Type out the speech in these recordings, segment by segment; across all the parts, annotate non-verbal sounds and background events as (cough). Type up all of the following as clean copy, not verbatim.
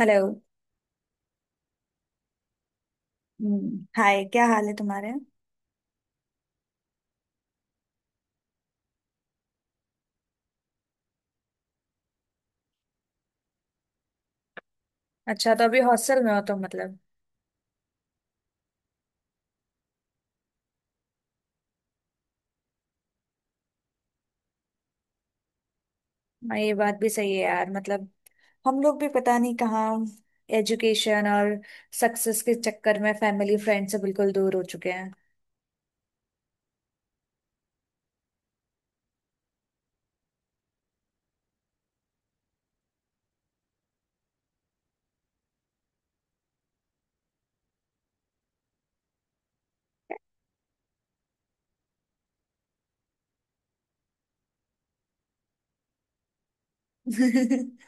Hello. हाय क्या हाल है तुम्हारे। अच्छा तो अभी हॉस्टल में हो तुम मतलब। हाँ, ये बात भी सही है यार मतलब हम लोग भी पता नहीं कहाँ एजुकेशन और सक्सेस के चक्कर में फैमिली फ्रेंड से बिल्कुल दूर हो चुके हैं। (laughs)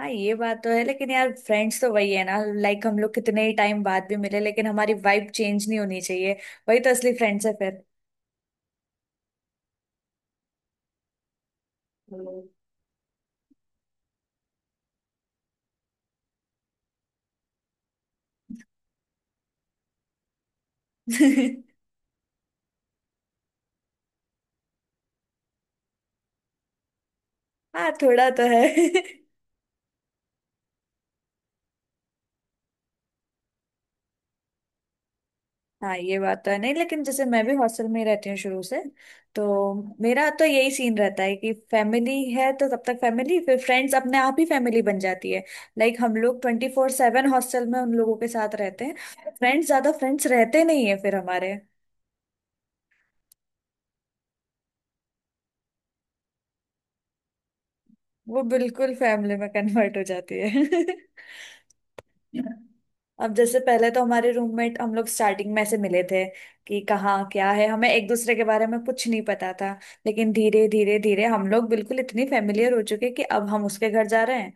हाँ ये बात तो है लेकिन यार फ्रेंड्स तो वही है ना, लाइक हम लोग कितने ही टाइम बाद भी मिले लेकिन हमारी वाइब चेंज नहीं होनी चाहिए। वही तो असली फ्रेंड्स है फिर। हम्म। (laughs) हाँ थोड़ा तो है। (laughs) हाँ ये बात तो है नहीं लेकिन जैसे मैं भी हॉस्टल में ही रहती हूँ शुरू से, तो मेरा तो यही सीन रहता है कि फैमिली है तो तब तक फैमिली फिर फ्रेंड्स अपने आप ही फैमिली बन जाती है। लाइक हम लोग 24/7 हॉस्टल में उन लोगों के साथ रहते हैं। फ्रेंड्स ज्यादा फ्रेंड्स रहते नहीं है फिर हमारे। वो बिल्कुल फैमिली में कन्वर्ट हो जाती है। (laughs) अब जैसे पहले तो हमारे रूममेट हम लोग स्टार्टिंग में ऐसे मिले थे कि कहाँ क्या है, हमें एक दूसरे के बारे में कुछ नहीं पता था। लेकिन धीरे धीरे धीरे हम लोग बिल्कुल इतनी फेमिलियर हो चुके कि अब हम उसके घर जा रहे हैं।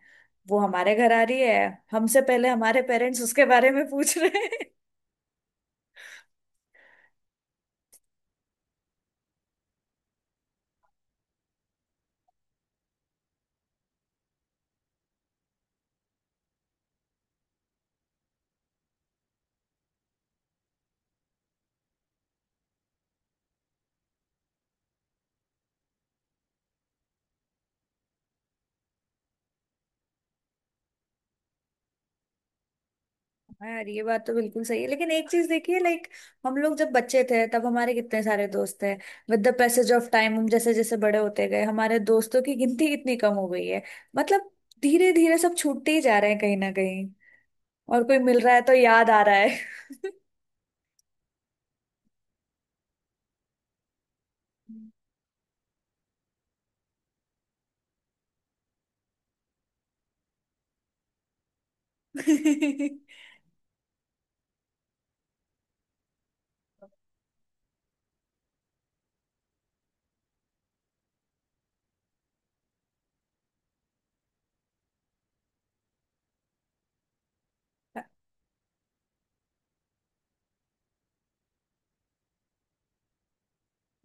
वो हमारे घर आ रही है, हमसे पहले हमारे पेरेंट्स उसके बारे में पूछ रहे हैं। हाँ यार ये बात तो बिल्कुल सही है लेकिन एक चीज देखिए, लाइक हम लोग जब बच्चे थे तब हमारे कितने सारे दोस्त थे। With the passage of time हम जैसे जैसे बड़े होते गए हमारे दोस्तों की गिनती कितनी कम हो गई है। मतलब धीरे धीरे सब छूटते ही जा रहे हैं कहीं ना कहीं। और कोई मिल रहा है तो याद आ रहा है। (laughs)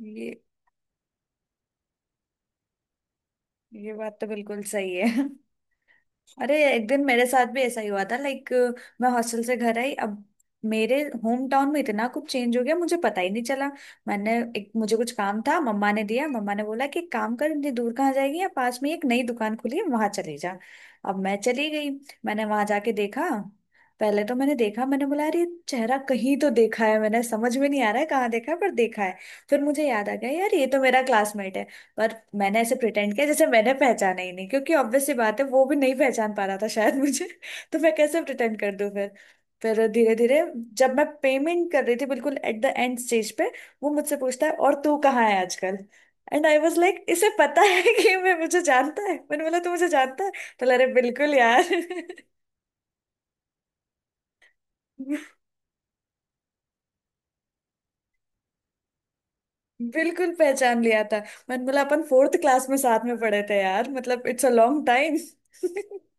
ये ये बात तो बिल्कुल सही है। अरे एक दिन मेरे साथ भी ऐसा ही हुआ था लाइक, मैं हॉस्टल से घर आई। अब मेरे होम टाउन में इतना कुछ चेंज हो गया मुझे पता ही नहीं चला। मैंने एक मुझे कुछ काम था, मम्मा ने दिया। मम्मा ने बोला कि एक काम कर, इतनी दूर कहाँ जाएगी, या पास में ही एक नई दुकान खुली है वहां चली जा। अब मैं चली गई, मैंने वहां जाके देखा। पहले तो मैंने देखा, मैंने बोला अरे ये चेहरा कहीं तो देखा है, मैंने समझ में नहीं आ रहा है कहाँ देखा है पर देखा है। फिर मुझे याद आ गया यार ये तो मेरा क्लासमेट है। पर मैंने ऐसे प्रिटेंड किया जैसे मैंने पहचाना ही नहीं, क्योंकि ऑब्वियस सी बात है वो भी नहीं पहचान पा रहा था शायद मुझे। (laughs) तो मैं कैसे प्रिटेंड कर दूं फिर। फिर धीरे धीरे जब मैं पेमेंट कर रही थी बिल्कुल एट द एंड स्टेज पे, वो मुझसे पूछता है और तू कहाँ है आजकल। एंड आई वॉज लाइक, इसे पता है कि मैं मुझे जानता है। मैंने बोला तू मुझे जानता है। तो बोला, अरे बिल्कुल यार। (laughs) बिल्कुल पहचान लिया था। मैंने बोला अपन फोर्थ क्लास में साथ में पढ़े थे यार, मतलब इट्स अ लॉन्ग टाइम। (laughs)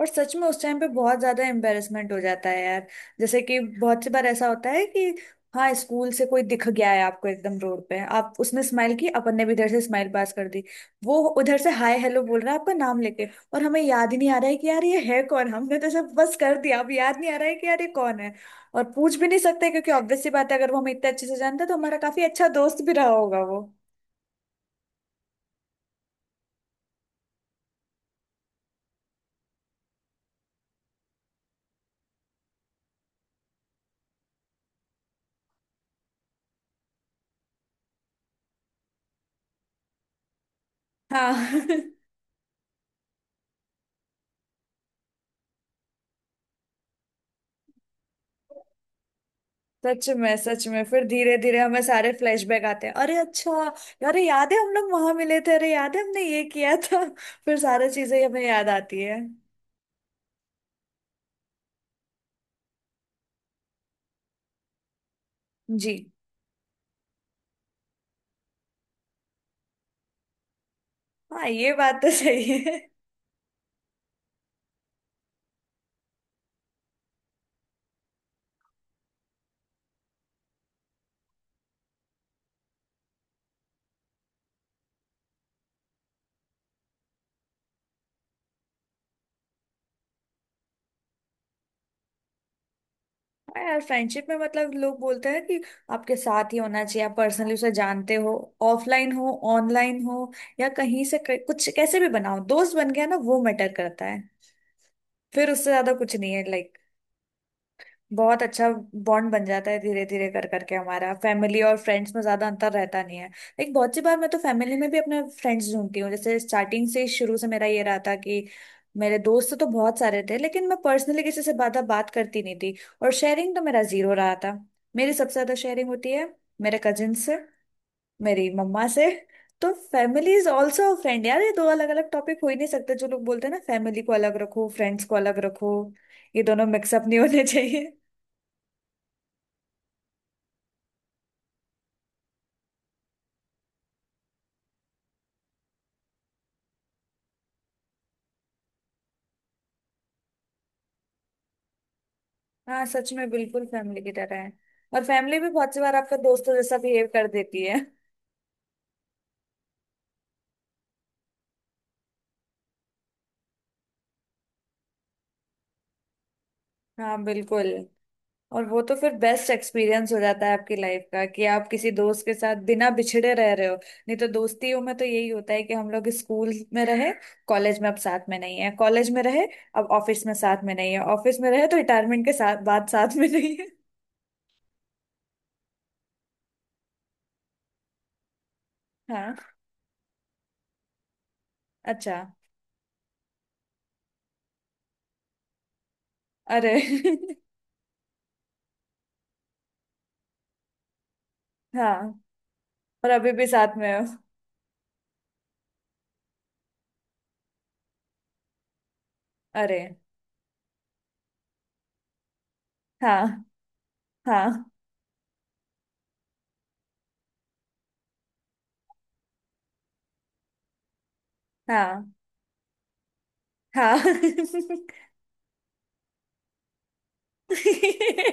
और सच में उस टाइम पे बहुत ज्यादा एम्बेरसमेंट हो जाता है यार। जैसे कि बहुत सी बार ऐसा होता है कि हाँ स्कूल से कोई दिख गया है आपको एकदम रोड पे, आप, उसने स्माइल की अपन ने भी इधर से स्माइल पास कर दी, वो उधर से हाय हेलो बोल रहा है आपका नाम लेके और हमें याद ही नहीं आ रहा है कि यार ये है कौन। हमने तो सब बस कर दिया, अब याद नहीं आ रहा है कि यार ये कौन है। और पूछ भी नहीं सकते क्योंकि ऑब्वियस सी बात है, अगर वो हमें इतने अच्छे से जानता तो हमारा काफी अच्छा दोस्त भी रहा होगा वो। हाँ। (laughs) सच में फिर धीरे धीरे हमें सारे फ्लैशबैक आते हैं, अरे अच्छा, अरे याद है हम लोग वहां मिले थे, अरे याद है हमने ये किया था। (laughs) फिर सारी चीजें हमें याद आती है। जी। हाँ ये बात तो सही है। हाँ यार फ्रेंडशिप में, मतलब लोग बोलते हैं कि आपके साथ ही होना चाहिए आप पर्सनली उसे जानते हो, ऑफलाइन हो ऑनलाइन हो या कहीं से कुछ, कैसे भी बनाओ दोस्त बन गया ना वो मैटर करता है। फिर उससे ज्यादा कुछ नहीं है, like बहुत अच्छा बॉन्ड बन जाता है धीरे धीरे कर करके, हमारा फैमिली और फ्रेंड्स में ज्यादा अंतर रहता नहीं है। लेकिन बहुत सी बार मैं तो फैमिली में भी अपने फ्रेंड्स ढूंढती हूँ, जैसे स्टार्टिंग से शुरू से मेरा ये रहा था कि मेरे दोस्त तो बहुत सारे थे लेकिन मैं पर्सनली किसी से ज्यादा बात करती नहीं थी। और शेयरिंग तो मेरा जीरो रहा था। मेरी सबसे ज्यादा शेयरिंग होती है मेरे कजिन से, मेरी मम्मा से। तो फैमिली इज ऑल्सो फ्रेंड यार, ये दो अलग अलग टॉपिक हो ही नहीं सकते। जो लोग बोलते हैं ना फैमिली को अलग रखो फ्रेंड्स को अलग रखो, ये दोनों मिक्सअप नहीं होने चाहिए। हाँ सच में बिल्कुल फैमिली की तरह है। और फैमिली भी बहुत सी बार आपका दोस्तों जैसा बिहेव कर देती है। हाँ बिल्कुल। और वो तो फिर बेस्ट एक्सपीरियंस हो जाता है आपकी लाइफ का, कि आप किसी दोस्त के साथ बिना बिछड़े रह रहे हो, नहीं तो दोस्तियों में तो यही होता है कि हम लोग स्कूल में रहे कॉलेज में अब साथ में नहीं है, कॉलेज में रहे अब ऑफिस में साथ में नहीं है, ऑफिस में रहे तो रिटायरमेंट के साथ बाद साथ में नहीं है। हाँ। अच्छा। अरे। (laughs) हाँ। और अभी भी साथ में हो। अरे हाँ हाँ हाँ हाँ। (laughs)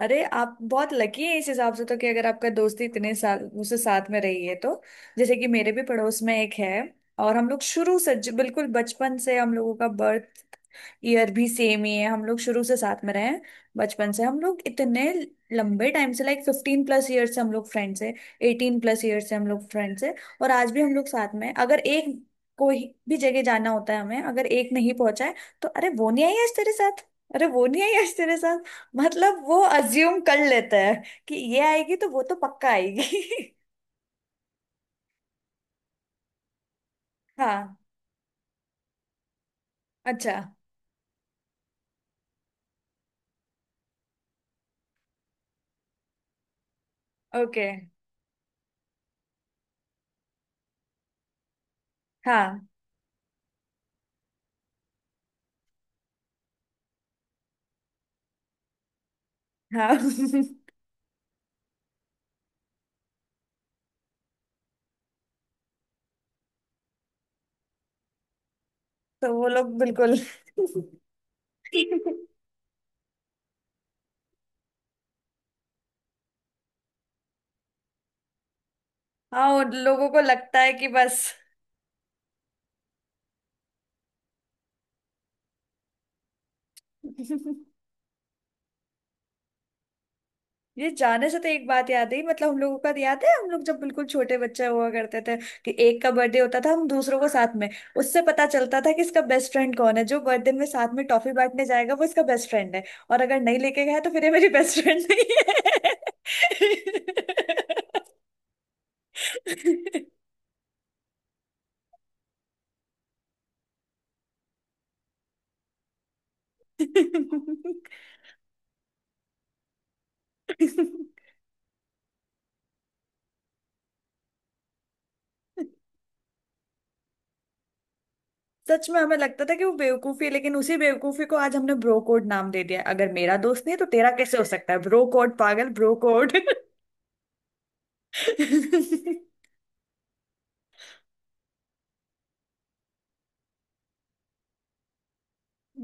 अरे आप बहुत लकी हैं इस हिसाब से तो, कि अगर आपका दोस्ती इतने साल मुझसे साथ में रही है तो। जैसे कि मेरे भी पड़ोस में एक है। और हम लोग शुरू से बिल्कुल बचपन से, हम लोगों का बर्थ ईयर भी सेम ही है, हम लोग शुरू से साथ में रहे हैं। बचपन से हम लोग इतने लंबे टाइम से, लाइक 15+ ईयर से हम लोग फ्रेंड्स हैं। 18+ ईयर से हम लोग फ्रेंड्स हैं। और आज भी हम लोग साथ में हैं। अगर एक कोई भी जगह जाना होता है हमें, अगर एक नहीं पहुंचा है तो, अरे वो नहीं आई आज तेरे साथ, अरे वो नहीं आई आज तेरे साथ। मतलब वो अज्यूम कर लेता है कि ये आएगी तो वो तो पक्का आएगी। (laughs) हाँ। अच्छा। ओके। हाँ हाँ। (laughs) तो वो लोग बिल्कुल। (laughs) हाँ, उन लोगों को लगता है कि बस। (laughs) ये जाने से तो एक बात याद आई, मतलब हम लोगों का तो याद है, हम लोग जब बिल्कुल छोटे बच्चे हुआ करते थे कि एक का बर्थडे होता था हम दूसरों को साथ में, उससे पता चलता था कि इसका बेस्ट फ्रेंड कौन है, जो बर्थडे में साथ में टॉफी बांटने जाएगा वो इसका बेस्ट फ्रेंड है। और अगर नहीं लेके गया तो फिर ये मेरी बेस्ट फ्रेंड नहीं है। (laughs) सच में हमें लगता था कि वो बेवकूफी है, लेकिन उसी बेवकूफी को आज हमने ब्रो कोड नाम दे दिया है। अगर मेरा दोस्त नहीं है, तो तेरा कैसे हो सकता है, ब्रो कोड, पागल ब्रो कोड। (laughs)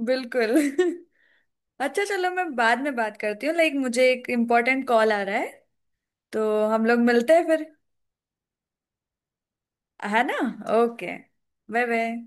बिल्कुल। अच्छा चलो मैं बाद में बात करती हूँ, लाइक मुझे एक इम्पोर्टेंट कॉल आ रहा है। तो हम लोग मिलते हैं फिर, है ना। Okay bye bye.